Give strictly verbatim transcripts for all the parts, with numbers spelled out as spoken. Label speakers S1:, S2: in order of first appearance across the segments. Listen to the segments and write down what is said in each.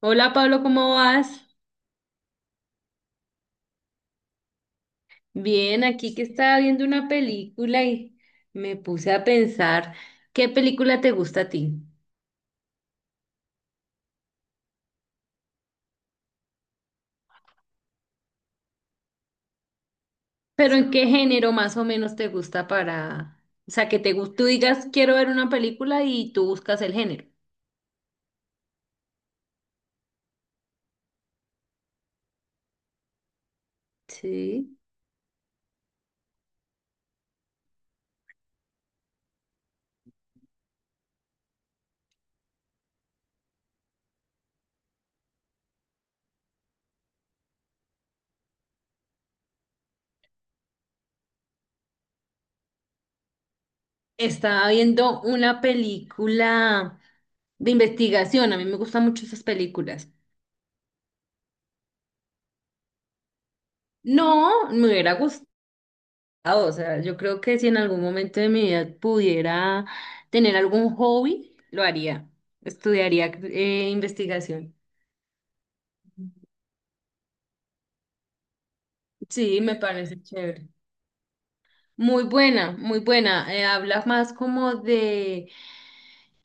S1: Hola Pablo, ¿cómo vas? Bien, aquí que estaba viendo una película y me puse a pensar qué película te gusta a ti, pero en qué género más o menos te gusta para, o sea, que te gus- tú digas quiero ver una película y tú buscas el género. Sí. Estaba viendo una película de investigación, a mí me gustan mucho esas películas. No, me hubiera gustado. Ah, o sea, yo creo que si en algún momento de mi vida pudiera tener algún hobby, lo haría. Estudiaría eh, investigación. Sí, me parece chévere. Muy buena, muy buena. Eh, habla más como de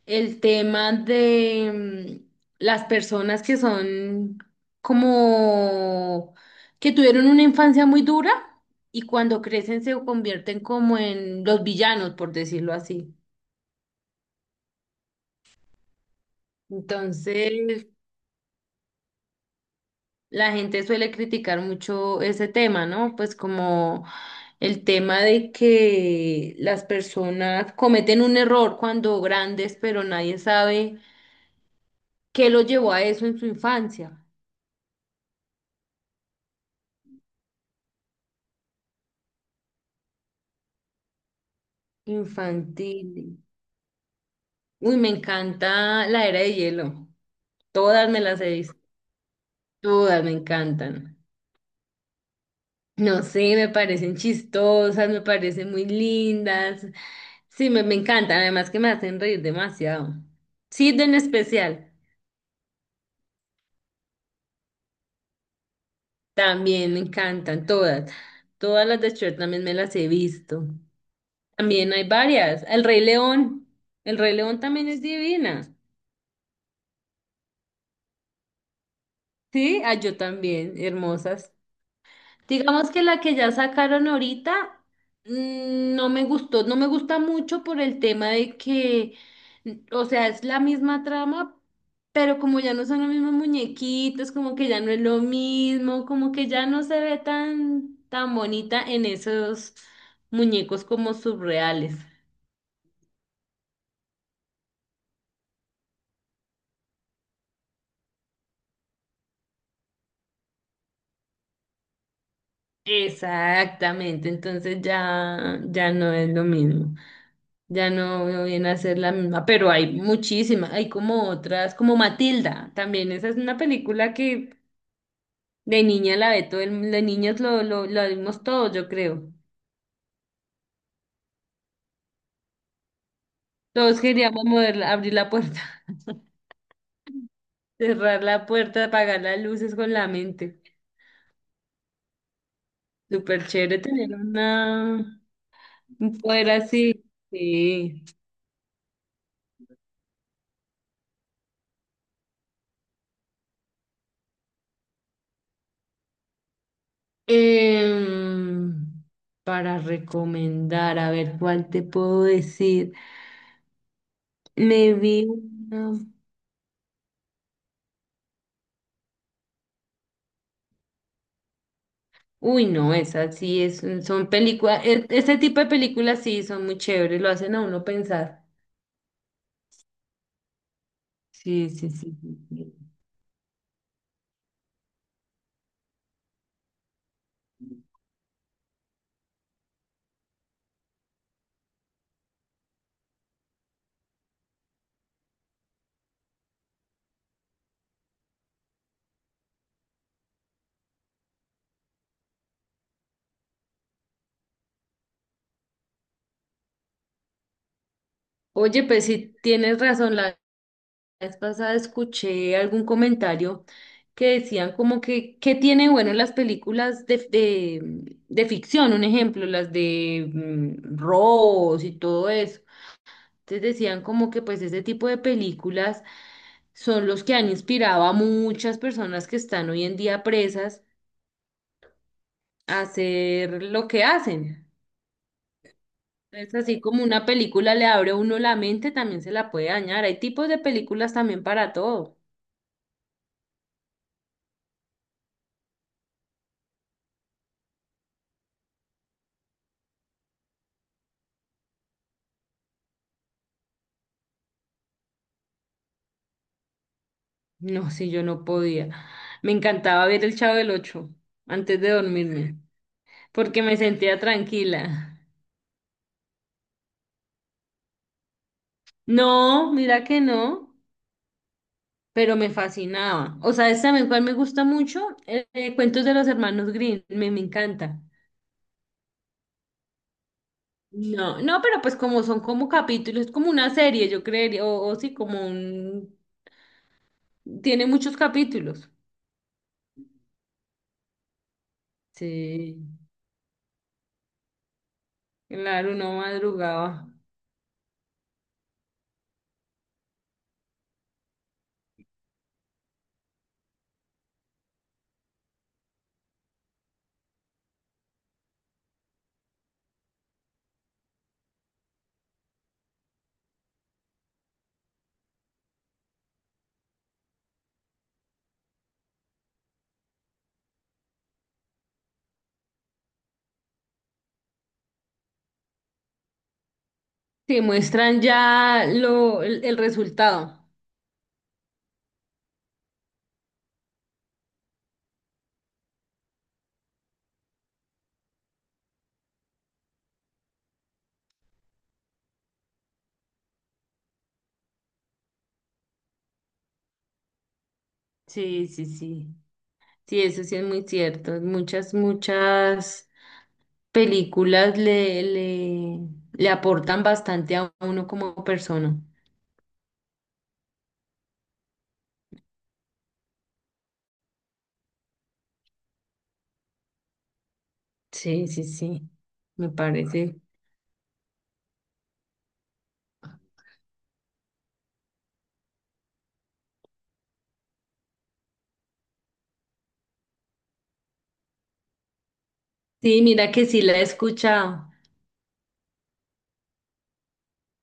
S1: el tema de mm, las personas que son como que tuvieron una infancia muy dura y cuando crecen se convierten como en los villanos, por decirlo así. Entonces, la gente suele criticar mucho ese tema, ¿no? Pues como el tema de que las personas cometen un error cuando grandes, pero nadie sabe qué lo llevó a eso en su infancia. Infantil. Uy, me encanta la era de hielo. Todas me las he visto, todas me encantan. No sé, me parecen chistosas, me parecen muy lindas. Sí, me, me encantan, además que me hacen reír demasiado. Sid en especial. También me encantan todas. Todas las de Shrek también me las he visto. También hay varias. El Rey León. El Rey León también es divina. Sí, ah, yo también. Hermosas. Digamos que la que ya sacaron ahorita mm, no me gustó, no me gusta mucho por el tema de que, mm, o sea, es la misma trama, pero como ya no son los mismos muñequitos, como que ya no es lo mismo, como que ya no se ve tan, tan bonita en esos muñecos como surreales. Exactamente, entonces ya, ya no es lo mismo. Ya no viene a ser la misma, pero hay muchísimas, hay como otras, como Matilda, también esa es una película que de niña la ve todo el mundo, de niños lo, lo, lo vimos todos, yo creo. Todos queríamos moverla, abrir la puerta, cerrar la puerta, apagar las luces con la mente. Súper chévere tener una, un poder así. Sí. Em, para recomendar, a ver cuál te puedo decir. Me vi una. Uy, no, esa sí es, son películas, este tipo de películas sí son muy chéveres, lo hacen a uno pensar. Sí, sí, sí, sí, sí. Oye, pues sí, tienes razón, la vez pasada escuché algún comentario que decían como que, ¿qué tienen bueno las películas de, de, de ficción? Un ejemplo, las de mm, robos y todo eso. Entonces decían como que pues ese tipo de películas son los que han inspirado a muchas personas que están hoy en día presas hacer lo que hacen. Es así como una película le abre a uno la mente, también se la puede dañar. Hay tipos de películas también para todo. No, si yo no podía. Me encantaba ver El Chavo del Ocho antes de dormirme, porque me sentía tranquila. No, mira que no, pero me fascinaba. O sea, es también cual me gusta mucho. Eh, eh, Cuentos de los Hermanos Grimm, me, me encanta. No, no, pero pues como son como capítulos, es como una serie, yo creería, o, o sí, como un... Tiene muchos capítulos. Sí, claro, no madrugaba. Sí, muestran ya lo, el, el resultado. Sí, sí, sí. Sí, eso sí es muy cierto. Muchas, muchas películas le, le, le aportan bastante a uno como persona. Sí, sí, sí. Me parece. Sí, mira que sí la he escuchado.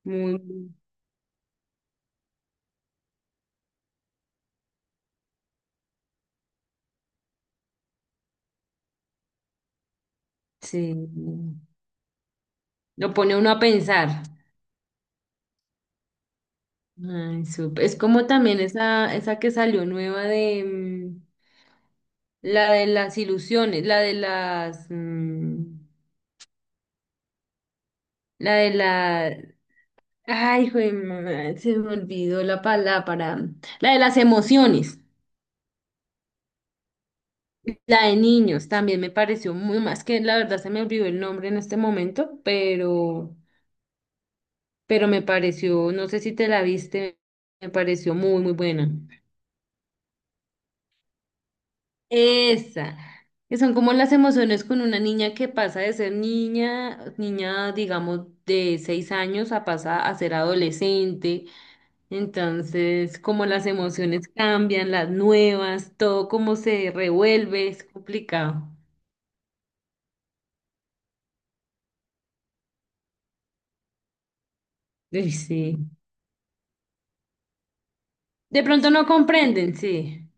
S1: Muy, sí. Lo pone uno a pensar. Ay, sup- es como también esa, esa que salió nueva de mm, la de las ilusiones, la de las, mm, la de la, ay, jue ma- se me olvidó la palabra, para, mm, la de las emociones, la de niños, también me pareció muy más que la verdad se me olvidó el nombre en este momento, pero, pero me pareció, no sé si te la viste, me pareció muy, muy buena. Esa, que son como las emociones con una niña que pasa de ser niña, niña, digamos, de seis años a pasar a ser adolescente. Entonces, como las emociones cambian, las nuevas, todo como se revuelve, es complicado. Uy, sí. De pronto no comprenden, sí.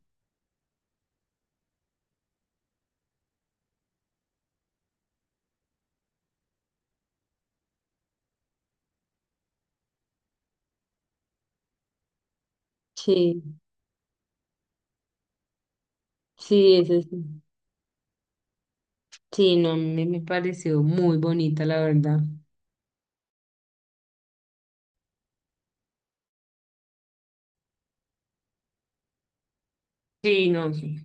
S1: Sí, sí, eso sí. Sí, no, me, me pareció muy bonita, la verdad. Sí, no, sí.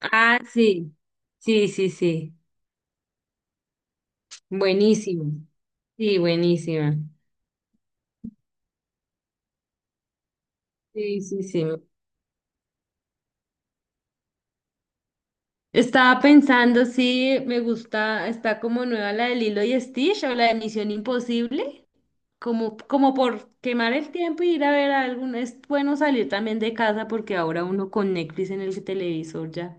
S1: Ah, sí. Sí, sí, sí. Buenísimo. Sí, buenísima. Sí, sí, sí. Estaba pensando si me gusta, está como nueva la de Lilo y Stitch o la de Misión Imposible, como, como por quemar el tiempo y ir a ver alguna. Es bueno salir también de casa porque ahora uno con Netflix en el televisor ya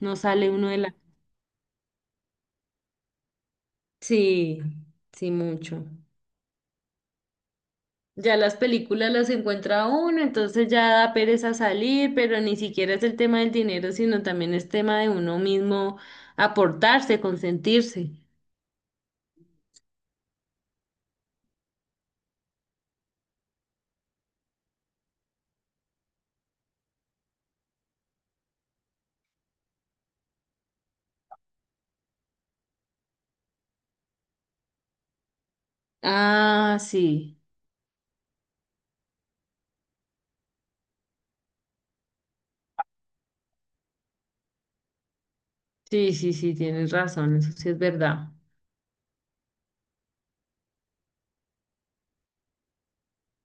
S1: no sale uno de la... Sí, sí, mucho. Ya las películas las encuentra uno, entonces ya da pereza salir, pero ni siquiera es el tema del dinero, sino también es tema de uno mismo aportarse, consentirse. Ah, sí, sí, sí, sí, tienes razón, eso sí es verdad.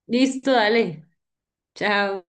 S1: Listo, dale, chao.